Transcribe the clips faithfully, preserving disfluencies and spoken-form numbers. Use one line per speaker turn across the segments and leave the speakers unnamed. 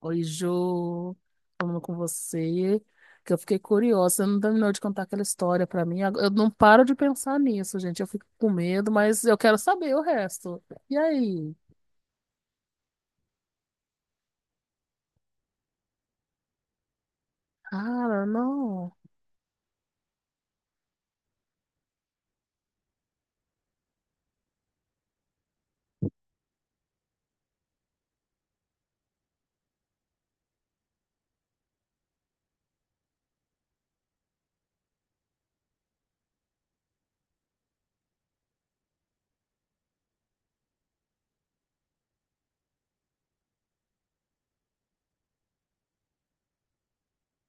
Oi, Jô, falando com você, que eu fiquei curiosa, você não terminou de contar aquela história pra mim, Ag- eu não paro de pensar nisso, gente, eu fico com medo, mas eu quero saber o resto. E aí? Cara, não.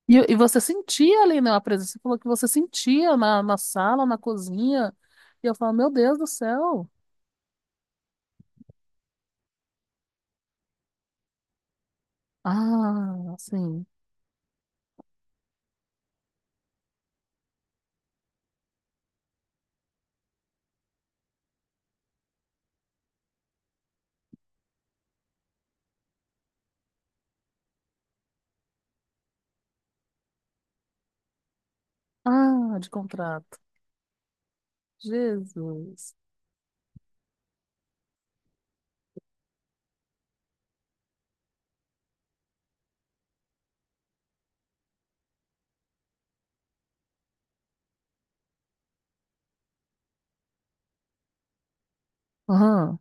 E, e você sentia ali, né, a presença, você falou que você sentia na, na sala, na cozinha, e eu falo, meu Deus do céu. Ah, sim. Ah, de contrato. Jesus. Aham,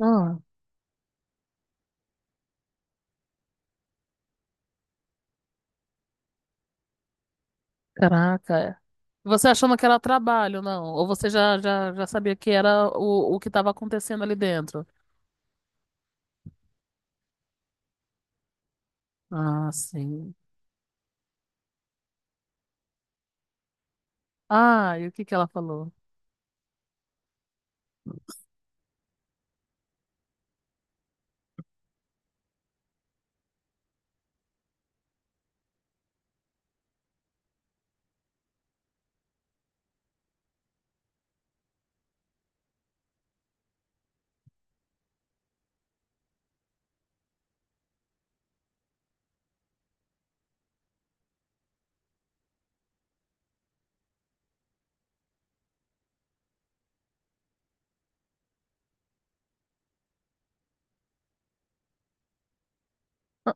ah. Caraca. Você achando que era trabalho, não? Ou você já, já, já sabia que era o, o que estava acontecendo ali dentro? Ah, sim. Ah, e o que que ela falou? "Ah,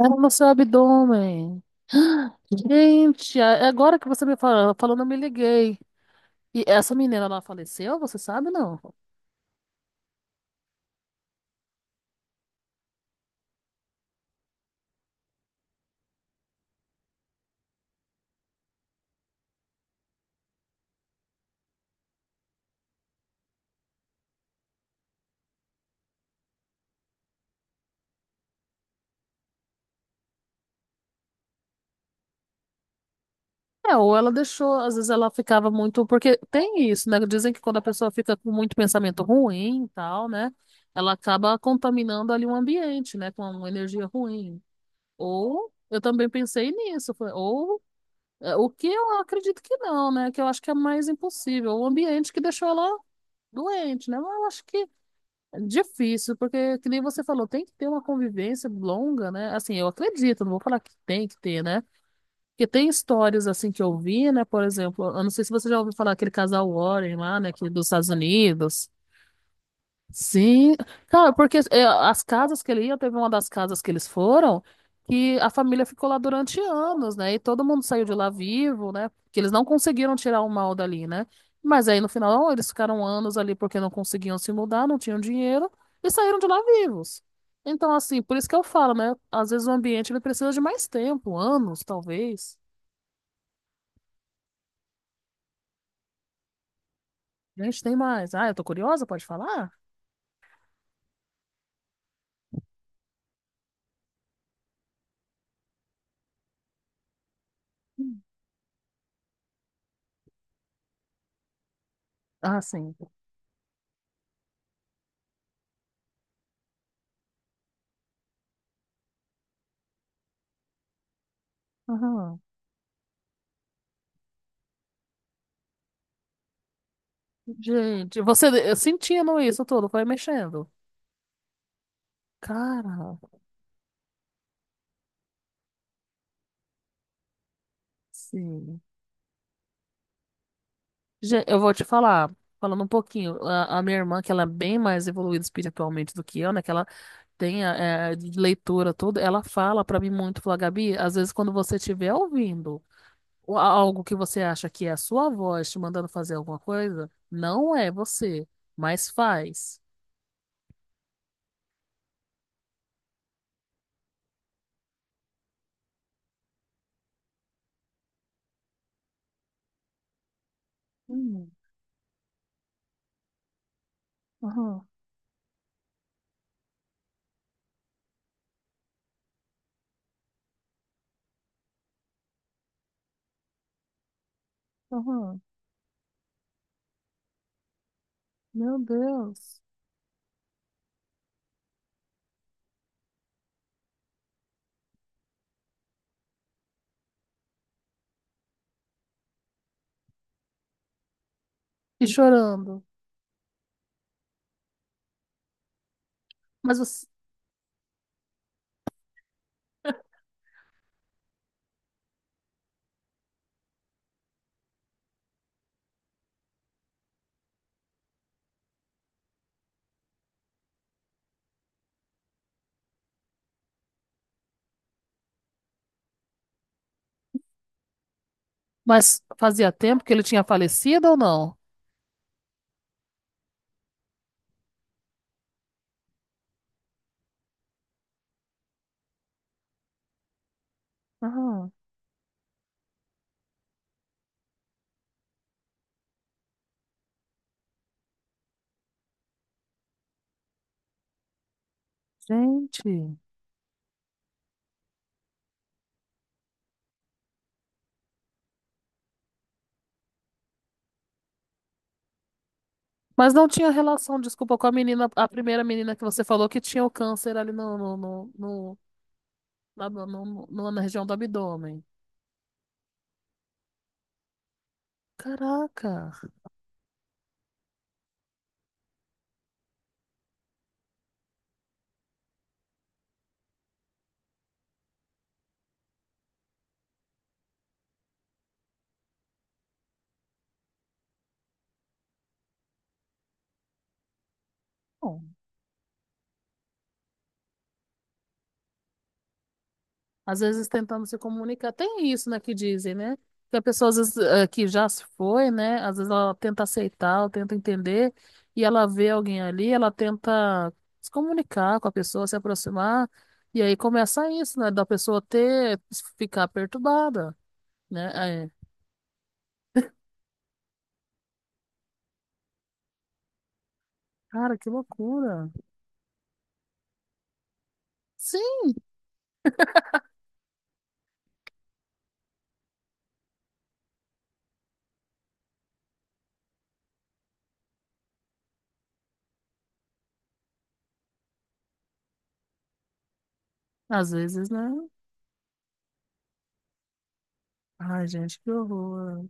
era no seu abdômen. Gente, a- agora que você me fala- falando, eu me liguei. E essa menina, ela faleceu, você sabe, não? É, ou ela deixou, às vezes ela ficava muito, porque tem isso, né? Dizem que quando a pessoa fica com muito pensamento ruim e tal, né? Ela acaba contaminando ali o ambiente, né? Com uma energia ruim. Ou eu também pensei nisso, foi- ou é, o que eu acredito que não, né? Que eu acho que é mais impossível, o ambiente que deixou ela doente, né? Mas eu acho que é difícil, porque que nem você falou, tem que ter uma convivência longa, né? Assim, eu acredito, não vou falar que tem que ter, né? Porque tem histórias assim que eu vi, né? Por exemplo, eu não sei se você já ouviu falar aquele casal Warren lá, né? Que dos Estados Unidos. Sim, cara, porque é, as casas que ele ia, teve uma das casas que eles foram, que a família ficou lá durante anos, né? E todo mundo saiu de lá vivo, né? Porque eles não conseguiram tirar o mal dali, né? Mas aí no final eles ficaram anos ali porque não conseguiam se mudar, não tinham dinheiro e saíram de lá vivos. Então, assim, por isso que eu falo, né? Às vezes o ambiente ele precisa de mais tempo, anos, talvez. Gente, tem mais. Ah, eu tô curiosa, pode falar? Hum. Ah, sim. Gente, você eu sentindo isso tudo, foi mexendo. Cara, sim. Gente, eu vou te falar, falando um pouquinho, a, a minha irmã, que ela é bem mais evoluída espiritualmente do que eu, né? Que ela tem a, é, de leitura, tudo, ela fala pra mim muito, fala, Gabi, às vezes quando você estiver ouvindo o- a- algo que você acha que é a sua voz te mandando fazer alguma coisa, não é você, mas faz. Hum, aham, aham, meu Deus. E chorando. Mas você. Mas fazia tempo que ele tinha falecido ou não? Ah, gente. Mas não tinha relação, desculpa, com a menina, a primeira menina que você falou que tinha o câncer ali no, no, no, no- na, no- no- no- na região do abdômen. Caraca. Às vezes tentando se comunicar. Tem isso, né, que dizem, né? Que a pessoa, às vezes, eh, que já se foi, né? Às vezes ela tenta aceitar, ela tenta entender, e ela vê alguém ali, ela tenta se comunicar com a pessoa, se aproximar, e aí começa isso, né? Da pessoa ter, ficar perturbada, né? É. Cara, que loucura. Sim, às vezes, né? Ai, gente, que horror.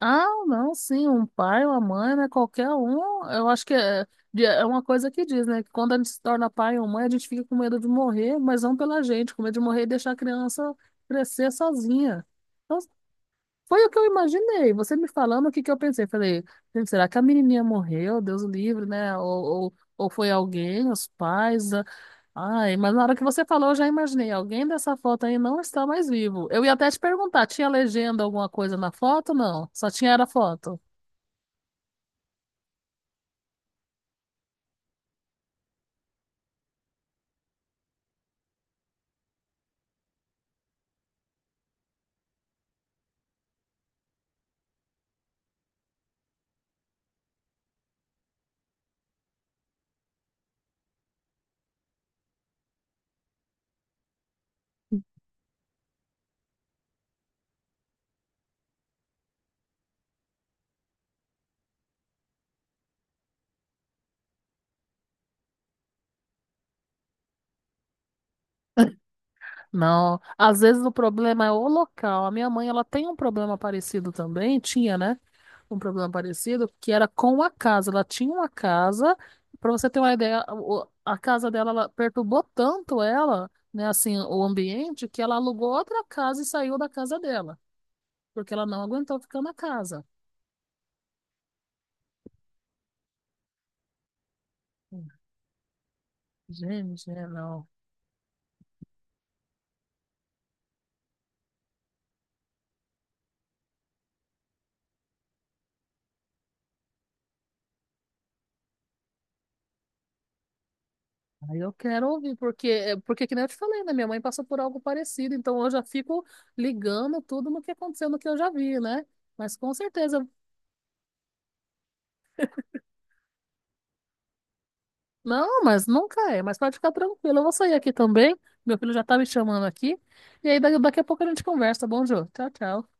Ah, não, sim, um pai, uma mãe, né? Qualquer um, eu acho que é, de- é uma coisa que diz, né? Que quando a gente se torna pai ou mãe, a gente fica com medo de morrer, mas não pela gente, com medo de morrer e deixar a criança crescer sozinha. Então, foi o que eu imaginei. Você me falando, o que que eu pensei? Falei, gente, será que a menininha morreu? Deus o livre, né? Ou, ou, ou foi alguém, os pais? a- Ai, mas na hora que você falou, eu já imaginei. Alguém dessa foto aí não está mais vivo. Eu ia até te perguntar, tinha legenda alguma coisa na foto? Não, só tinha era foto. Não, às vezes o problema é o local. A minha mãe, ela tem um problema parecido também, tinha, né? Um problema parecido, que era com a casa. Ela tinha uma casa, para você ter uma ideia, o- a casa dela ela perturbou tanto ela, né, assim, o ambiente, que ela alugou outra casa e saiu da casa dela, porque ela não aguentou ficar na casa. Gente, é, não. Aí eu quero ouvir, porque, é, porque que nem eu te falei, né? Minha mãe passou por algo parecido, então eu já fico ligando tudo no que aconteceu, no que eu já vi, né? Mas com certeza não, mas nunca é. Mas pode ficar tranquilo. Eu vou sair aqui também. Meu filho já tá me chamando aqui. E aí, da- daqui a pouco a gente conversa. Bom, Jô. Tchau, tchau.